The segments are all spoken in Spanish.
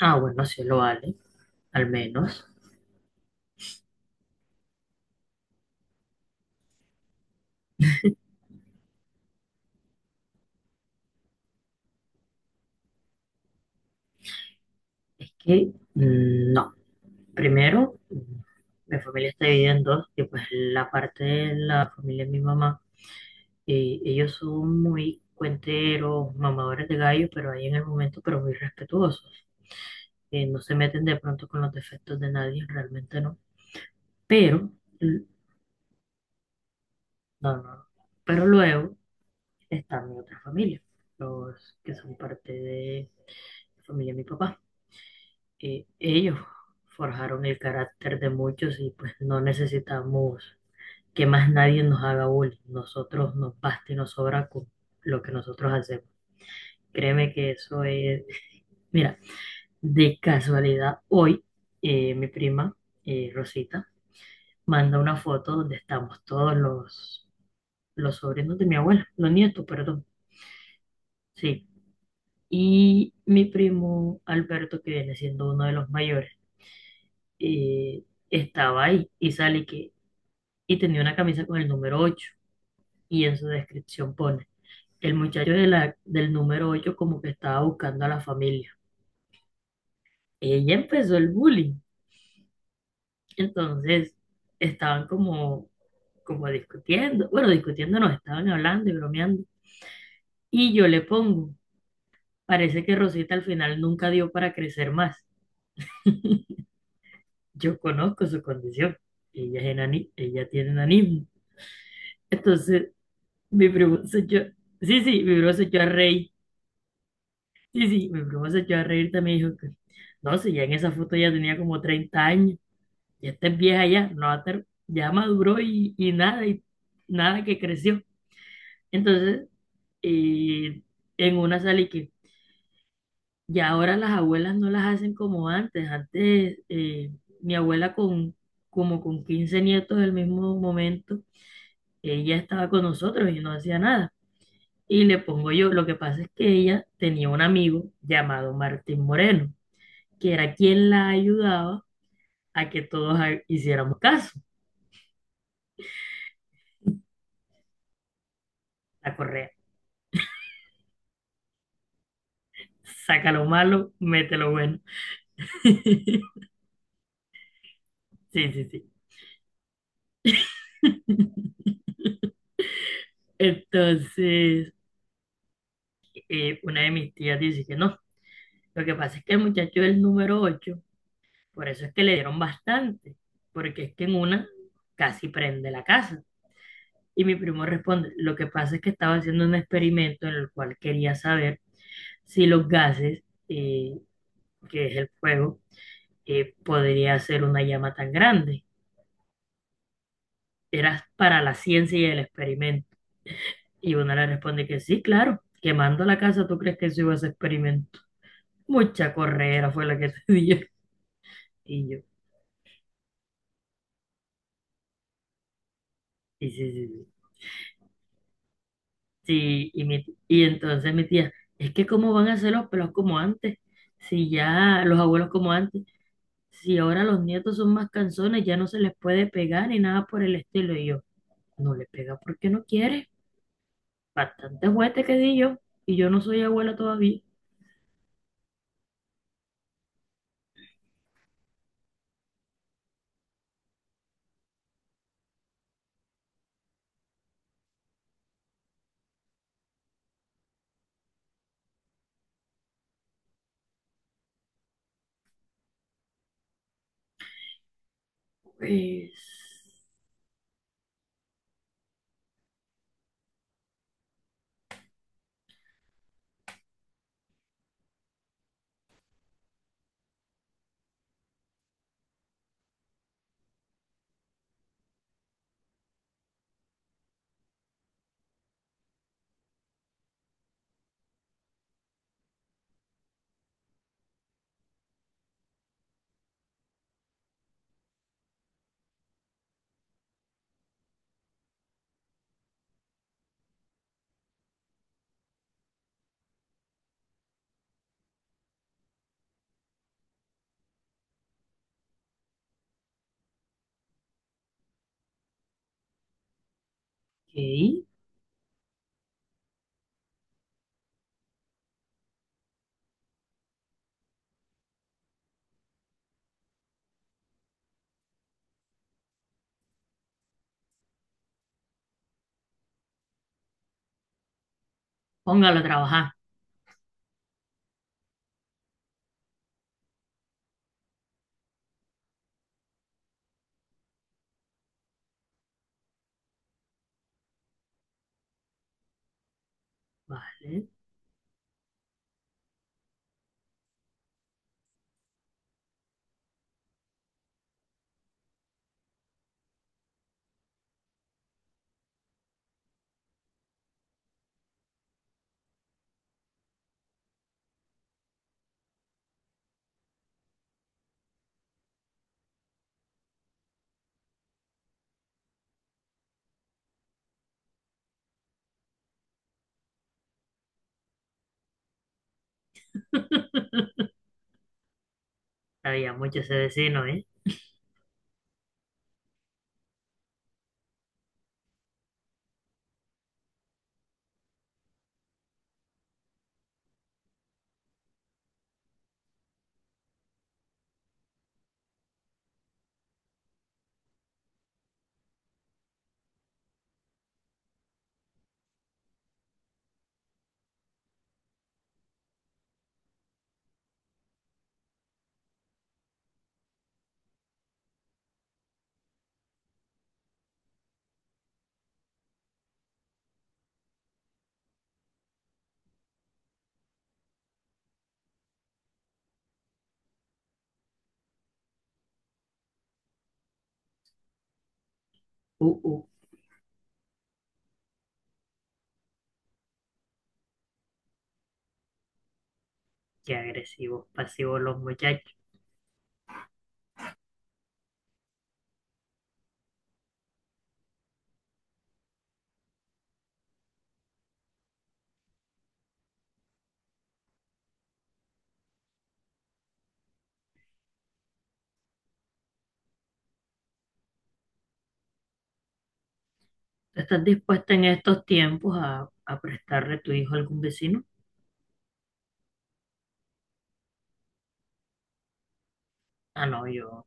Ah, bueno, sí lo vale, al menos. Es que no. Primero, mi familia está dividida en dos, y pues la parte de la familia de mi mamá, y ellos son muy cuenteros, mamadores de gallo, pero ahí en el momento, pero muy respetuosos. No se meten de pronto con los defectos de nadie, realmente no. Pero. l- no, no, no. Pero luego está mi otra familia, los que son parte de la familia de mi papá. Ellos forjaron el carácter de muchos y pues no necesitamos que más nadie nos haga bullying. Nosotros nos basta y nos sobra con lo que nosotros hacemos. Créeme que eso es. Mira, de casualidad, hoy mi prima, Rosita, manda una foto donde estamos todos los sobrinos de mi abuela, los nietos, perdón. Sí. Y mi primo Alberto, que viene siendo uno de los mayores, eh, estaba ahí y sale que y tenía una camisa con el número 8, y en su descripción pone, el muchacho de la, del número 8 como que estaba buscando a la familia. Ella empezó el bullying, entonces estaban como, discutiendo, bueno, discutiendo no, estaban hablando y bromeando. Y yo le pongo, parece que Rosita al final nunca dio para crecer más. Yo conozco su condición, ella tiene enanismo. Entonces, mi primo se echó, sí, sí, mi primo se echó a reír. Sí, sí, mi primo se echó a reír también y dijo que, no, si ya en esa foto ya tenía como 30 años, ya está vieja ya, no va a estar, ya maduró y nada, y nada que creció. Entonces, eh, en una salí que ya ahora las abuelas no las hacen como antes. Antes, mi abuela con como con 15 nietos del mismo momento, ella estaba con nosotros y no hacía nada. Y le pongo yo, lo que pasa es que ella tenía un amigo llamado Martín Moreno, que era quien la ayudaba a que todos hiciéramos caso, la correa. Saca lo malo, mete lo bueno. Sí, sí, sí. Entonces, una de mis tías dice que no. Lo que pasa es que el muchacho del número ocho, por eso es que le dieron bastante, porque es que en una casi prende la casa. Y mi primo responde, lo que pasa es que estaba haciendo un experimento en el cual quería saber si los gases, eh, que es el fuego, podría hacer una llama tan grande. Eras para la ciencia y el experimento. Y una le responde que sí, claro, quemando la casa, ¿tú crees que eso iba a ser experimento? Mucha correa fue la que te dio. Y yo, y sí, sí, sí. Sí, y entonces mi tía, es que cómo van a ser los pelos como antes, si ya los abuelos como antes, si ahora los nietos son más canzones, ya no se les puede pegar ni nada por el estilo. Y yo, no le pega porque no quiere. Bastante juguete que di yo, y yo no soy abuela todavía. Pues, ¿qué? Póngalo a trabajar. Vale. Sabía mucho ese vecino, ¿eh? Uh, uh, Qué agresivos, pasivos los muchachos. ¿Tú estás dispuesta en estos tiempos a prestarle tu hijo a algún vecino? Ah, no, yo.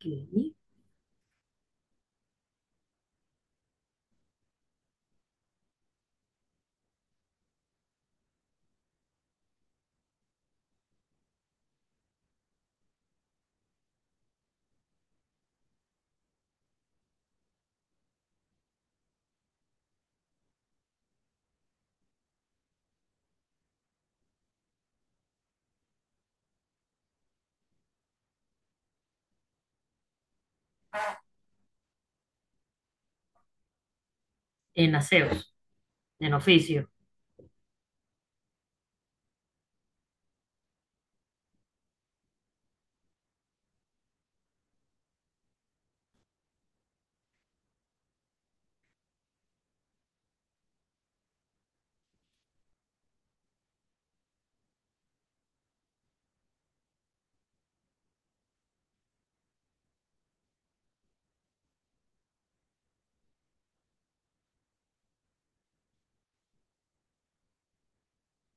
¿Qué? En aseos, en oficio.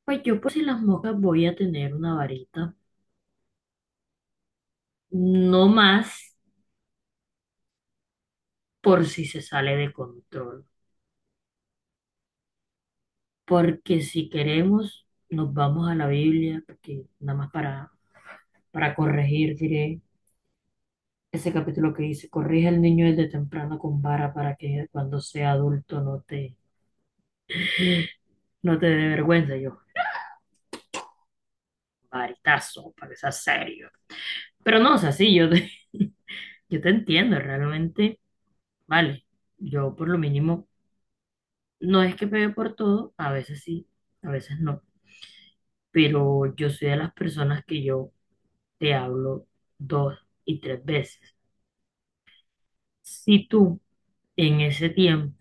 Pues yo por si las moscas voy a tener una varita. No más por si se sale de control. Porque si queremos, nos vamos a la Biblia, porque nada más para, corregir, diré. Ese capítulo que dice, corrige al niño desde temprano con vara para que cuando sea adulto no te dé vergüenza. Yo, varitazo, para que seas serio. Pero no, o sea, sí, yo te, yo te entiendo, realmente, vale, yo por lo mínimo, no es que pegue por todo, a veces sí, a veces no, pero yo soy de las personas que yo te hablo dos y tres veces. Si tú en ese tiempo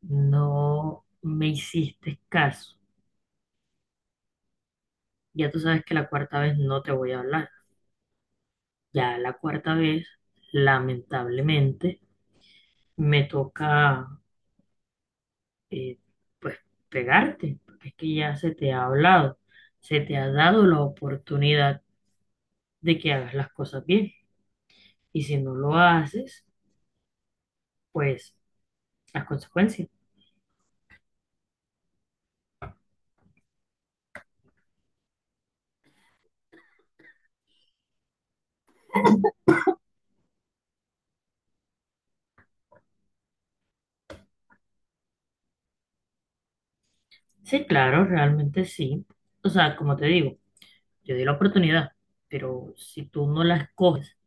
no me hiciste caso, ya tú sabes que la cuarta vez no te voy a hablar. Ya la cuarta vez, lamentablemente, me toca, eh, pues, pegarte, porque es que ya se te ha hablado, se te ha dado la oportunidad de que hagas las cosas bien. Y si no lo haces, pues, las consecuencias. Sí, claro, realmente sí. O sea, como te digo, yo di la oportunidad, pero si tú no la escoges,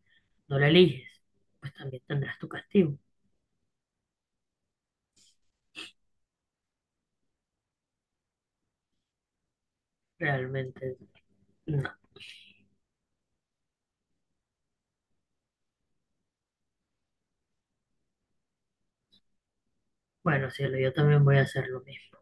no la eliges, pues también tendrás tu castigo. Realmente, no. Bueno, cielo, yo también voy a hacer lo mismo.